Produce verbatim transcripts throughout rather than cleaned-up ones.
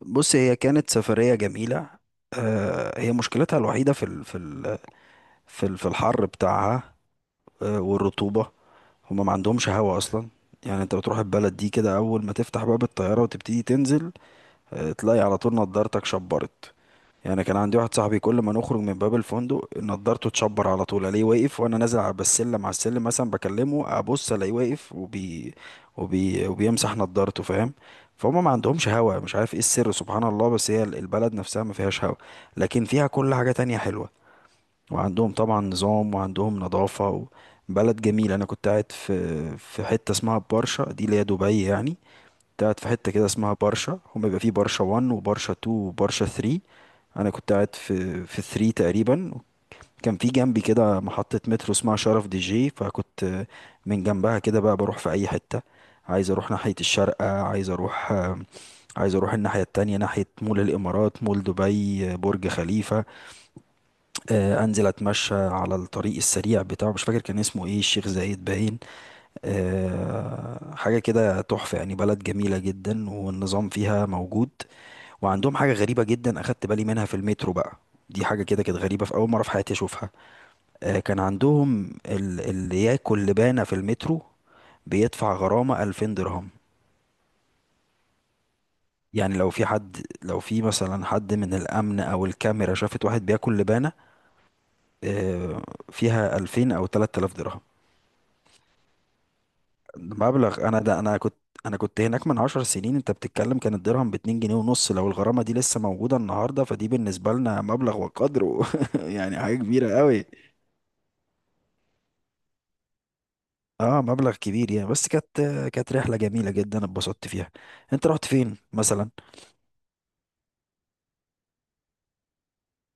بص هي كانت سفرية جميلة. آه، هي مشكلتها الوحيدة في ال في ال في ال في الحر بتاعها. آه، والرطوبة. هما ما عندهمش هوا أصلا. يعني انت بتروح البلد دي كده أول ما تفتح باب الطيارة وتبتدي تنزل، آه، تلاقي على طول نضارتك شبرت. يعني كان عندي واحد صاحبي كل ما نخرج من باب الفندق نضارته تشبر على طول، الاقيه واقف وانا نازل على السلم على السلم مثلا بكلمه ابص الاقيه واقف وبي وبي وبيمسح نضارته، فاهم؟ فهم ما عندهمش هوا، مش عارف ايه السر، سبحان الله، بس هي البلد نفسها ما فيهاش هوا. لكن فيها كل حاجة تانية حلوة. وعندهم طبعا نظام وعندهم نظافة و-، بلد جميل. انا كنت قاعد في في حتة اسمها برشا، دي اللي هي دبي يعني. كنت قاعد في حتة كده اسمها برشا، هم بيبقى فيه برشا واحد وبرشا اتنين وبرشا تلاتة. انا كنت قاعد في في تلاتة تقريبا. كان في جنبي كده محطة مترو اسمها شرف دي جي، فكنت من جنبها كده بقى بروح في اي حتة. عايز اروح ناحية الشارقة، عايز اروح عايز اروح الناحية التانية، ناحية مول الامارات، مول دبي، برج خليفة. آه، انزل اتمشى على الطريق السريع بتاعه، مش فاكر كان اسمه ايه، الشيخ زايد باين. آه، حاجه كده تحفه يعني، بلد جميله جدا والنظام فيها موجود. وعندهم حاجه غريبه جدا اخدت بالي منها في المترو بقى. دي حاجه كده كانت غريبه، في اول مره في حياتي اشوفها. آه، كان عندهم ال- اللي ياكل لبانه في المترو بيدفع غرامه الفين درهم. يعني لو في حد، لو في مثلا حد من الامن او الكاميرا شافت واحد بياكل لبانه، آه، فيها الفين او تلات الاف درهم. مبلغ، انا ده انا كنت انا كنت هناك من عشر سنين، انت بتتكلم كان الدرهم باتنين جنيه ونص. لو الغرامة دي لسه موجودة النهاردة فدي بالنسبة لنا مبلغ وقدره يعني حاجة كبيرة قوي. اه مبلغ كبير يعني. بس كانت، كانت رحلة جميلة جدا اتبسطت فيها. انت رحت فين مثلا؟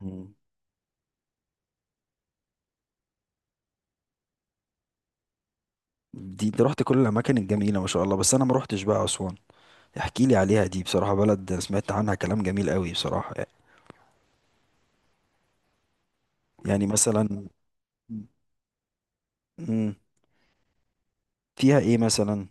مم. دي انت رحت كل الاماكن الجميلة ما شاء الله، بس انا ما رحتش بقى اسوان. احكي لي عليها، دي بصراحة بلد سمعت عنها كلام جميل قوي بصراحة. يعني مثلا. مم، فيها ايه مثلا؟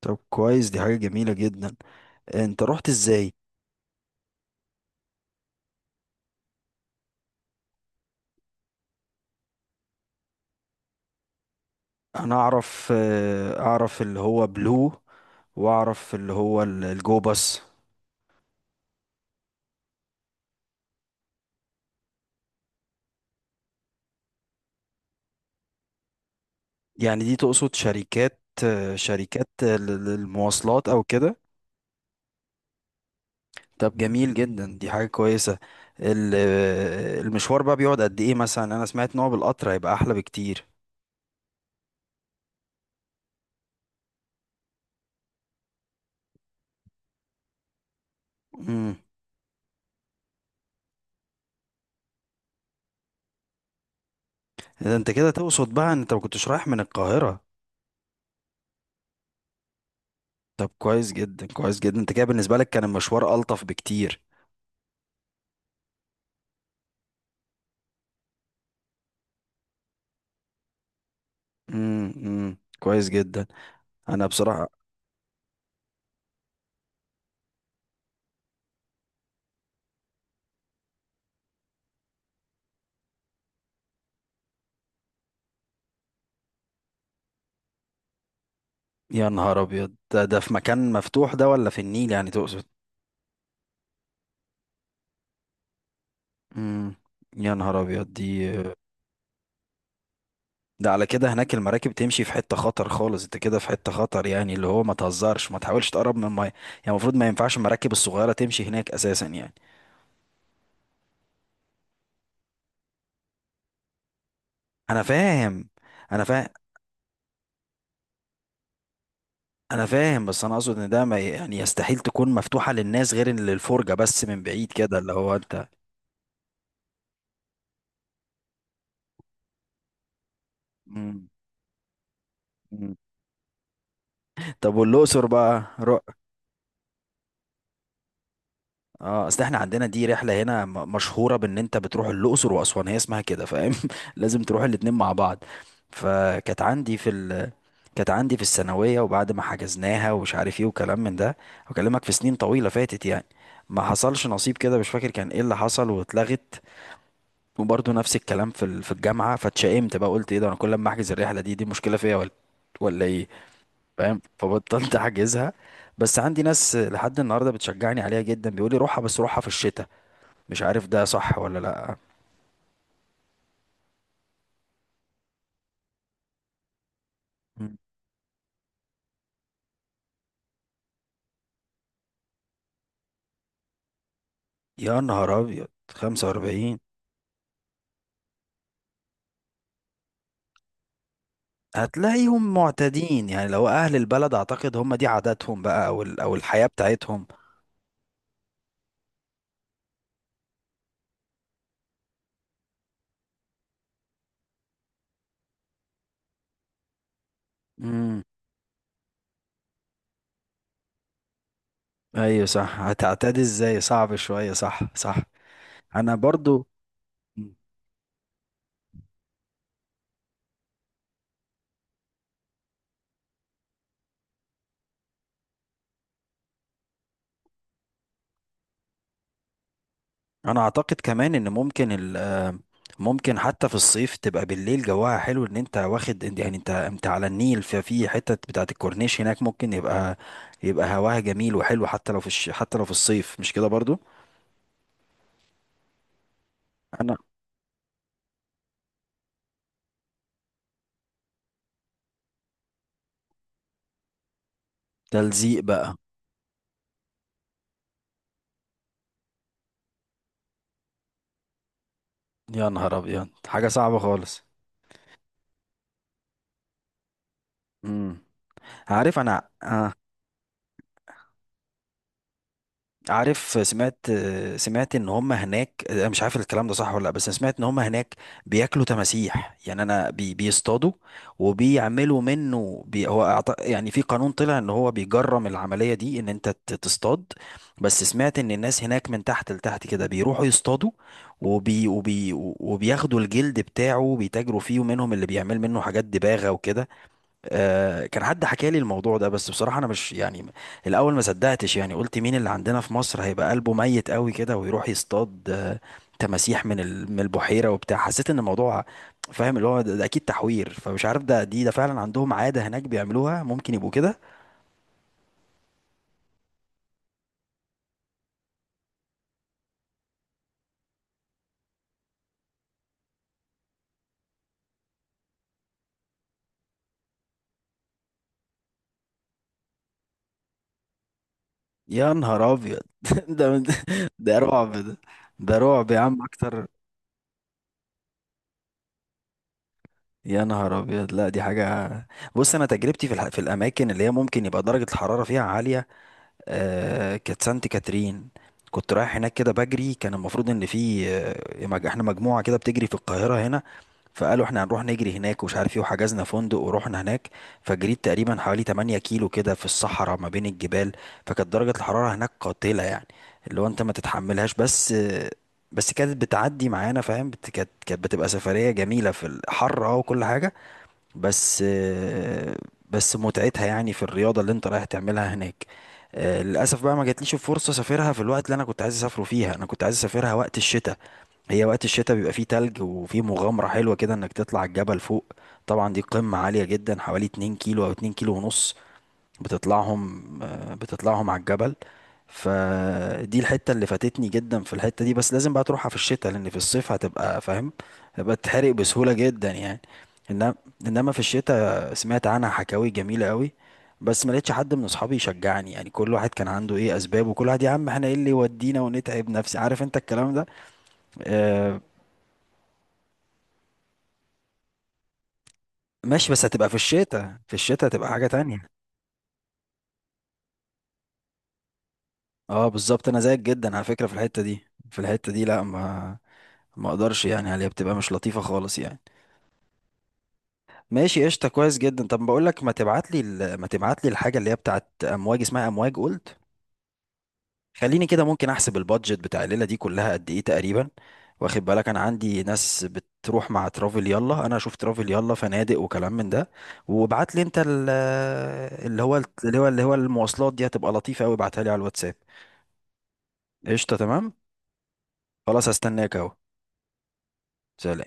طب كويس، دي حاجة جميلة جدا. انت رحت ازاي؟ انا اعرف، آه، اعرف اللي هو بلو، واعرف اللي هو ال- الجو باص. يعني دي تقصد شركات، آه، شركات ال- المواصلات او كده؟ طب جميل جدا، دي حاجة كويسة. ال- آه، المشوار بقى بيقعد قد ايه مثلا؟ انا سمعت ان هو بالقطر هيبقى احلى بكتير. امم. ده انت كده تقصد بقى ان انت ما كنتش رايح من القاهرة؟ طب كويس جدا، كويس جدا، انت كده بالنسبة لك كان المشوار ألطف بكتير. امم امم كويس جدا. انا بصراحة. يا نهار ابيض، ده ده في مكان مفتوح ده ولا في النيل يعني تقصد؟ امم. يا نهار ابيض دي. ده على كده هناك المراكب تمشي في حتة خطر خالص، انت كده في حتة خطر، يعني اللي هو ما تهزرش ما تحاولش تقرب من المية يعني. المفروض ما ينفعش المراكب الصغيرة تمشي هناك اساسا يعني. انا فاهم. انا فاهم انا فاهم بس انا اقصد ان ده ما ي- يعني يستحيل تكون مفتوحة للناس، غير للفرجة بس من بعيد كده اللي هو انت. امم. أمم. طب والأقصر بقى رحت؟ اه اصل احنا عندنا دي رحله هنا م- مشهوره بان انت بتروح الاقصر واسوان، هي اسمها كده، فاهم؟ لازم تروح الاتنين مع بعض. فكانت عندي في ال...، كانت عندي في الثانويه وبعد ما حجزناها ومش عارف ايه وكلام من ده، بكلمك في سنين طويله فاتت يعني، ما حصلش نصيب كده. مش فاكر كان ايه اللي حصل واتلغت. وبرضه نفس الكلام في ال... في الجامعه، فاتشائمت بقى. قلت ايه ده، انا كل ما احجز الرحله دي دي مشكله فيا ولا ولا ايه؟ فاهم، فبطلت احجزها. بس عندي ناس لحد النهارده بتشجعني عليها جدا، بيقولي روحها بس روحها في الشتاء. مش عارف ده صح ولا لأ. مم. يا نهار أبيض، خمسة واربعين! هتلاقيهم معتادين يعني، لو أهل البلد أعتقد هم دي عاداتهم بقى أو ال- أو الحياة بتاعتهم. امم. أيوة صح، هتعتادي إزاي، صعب شوية، صح صح. أنا برضو. مم. أنا أعتقد كمان إن ممكن ال...، ممكن حتى في الصيف تبقى بالليل جواها حلو، إن أنت واخد يعني أنت أنت على النيل، ففي حتة بتاعة الكورنيش هناك ممكن يبقى يبقى هواها جميل وحلو حتى لو في الش... حتى لو في الصيف، مش كده برضو؟ انا تلزيق بقى. يا نهار ابيض، حاجه صعبه خالص. امم. عارف انا، آه. عارف سمعت، آه، سمعت ان هم هناك، انا مش عارف الكلام ده صح ولا لا، بس أنا سمعت ان هم هناك بياكلوا تماسيح يعني، انا بي بيصطادوا وبيعملوا منه بي هو أعط- يعني في قانون طلع ان هو بيجرم العمليه دي، ان انت ت- تصطاد، بس سمعت ان الناس هناك من تحت لتحت كده بيروحوا يصطادوا وبي وبي وبياخدوا الجلد بتاعه بيتاجروا فيه، ومنهم اللي بيعمل منه حاجات دباغه وكده. آه، كان حد حكى لي الموضوع ده، بس بصراحة أنا مش يعني، الأول ما صدقتش يعني، قلت مين اللي عندنا في مصر هيبقى قلبه ميت قوي كده ويروح يصطاد، آه، تماسيح من ال- من البحيرة وبتاع، حسيت إن الموضوع، فاهم اللي هو ده, ده أكيد تحوير، فمش عارف ده دي ده فعلا عندهم عادة هناك بيعملوها ممكن يبقوا كده. يا نهار أبيض ده. ده رعب ده. ده رعب يا عم أكتر. يا نهار أبيض لا، دي حاجة. بص أنا تجربتي في الح- في الأماكن اللي هي ممكن يبقى درجة الحرارة فيها عالية، آه كانت سانت كاترين. كنت رايح هناك كده بجري، كان المفروض ان في، آه، مج- احنا مجموعة كده بتجري في القاهرة هنا، فقالوا احنا هنروح نجري هناك ومش عارف ايه، وحجزنا فندق ورحنا هناك. فجريت تقريبا حوالي تمنية كيلو كده في الصحراء ما بين الجبال. فكانت درجة الحرارة هناك قاتلة يعني، اللي هو انت ما تتحملهاش، بس آه، بس كانت بتعدي معانا، فاهم؟ بت- كانت كانت بتبقى سفرية جميلة في الحر اه وكل حاجة. بس آه، بس متعتها يعني في الرياضة اللي انت رايح تعملها هناك. آه، للأسف بقى ما جاتليش الفرصة أسافرها في الوقت اللي أنا كنت عايز أسافره فيها، أنا كنت عايز أسافرها وقت الشتاء. هي وقت الشتاء بيبقى فيه تلج وفيه مغامرة حلوة كده إنك تطلع الجبل فوق. طبعا دي قمة عالية جدا، حوالي اتنين كيلو أو اتنين كيلو ونص بتطلعهم، آه، بتطلعهم على الجبل. فدي الحتة اللي فاتتني جدا، في الحتة دي بس لازم بقى تروحها في الشتاء، لأن في الصيف هتبقى فاهم، هتبقى تحرق بسهولة جدا يعني. إنما، إنما في الشتاء سمعت عنها حكاوي جميلة قوي، بس ما لقيتش حد من أصحابي يشجعني يعني، كل واحد كان عنده إيه أسباب، وكل واحد يا عم إحنا إيه اللي يودينا ونتعب نفسي، عارف أنت الكلام ده. آه. ماشي بس هتبقى في الشتاء، في الشتاء هتبقى حاجة تانية. اه بالظبط، أنا زيك جدا على فكرة في الحتة دي، في الحتة دي لا، ما ما اقدرش يعني عليها، بتبقى مش لطيفة خالص يعني. ماشي، قشطة، كويس جدا. طب بقول لك، ما تبعت لي ال- ما تبعت لي الحاجة اللي هي بتاعت امواج، اسمها امواج قلت، خليني كده ممكن احسب البادجت بتاع الليلة دي كلها قد ايه تقريبا. واخد بالك انا عندي ناس بتروح مع ترافل يلا، انا اشوف ترافل يلا فنادق وكلام من ده. وابعت لي انت ال- اللي هو اللي هو اللي هو المواصلات دي هتبقى لطيفة قوي، ابعتها لي على الواتساب. قشطة تمام. خلاص هستناك اهو. سلام.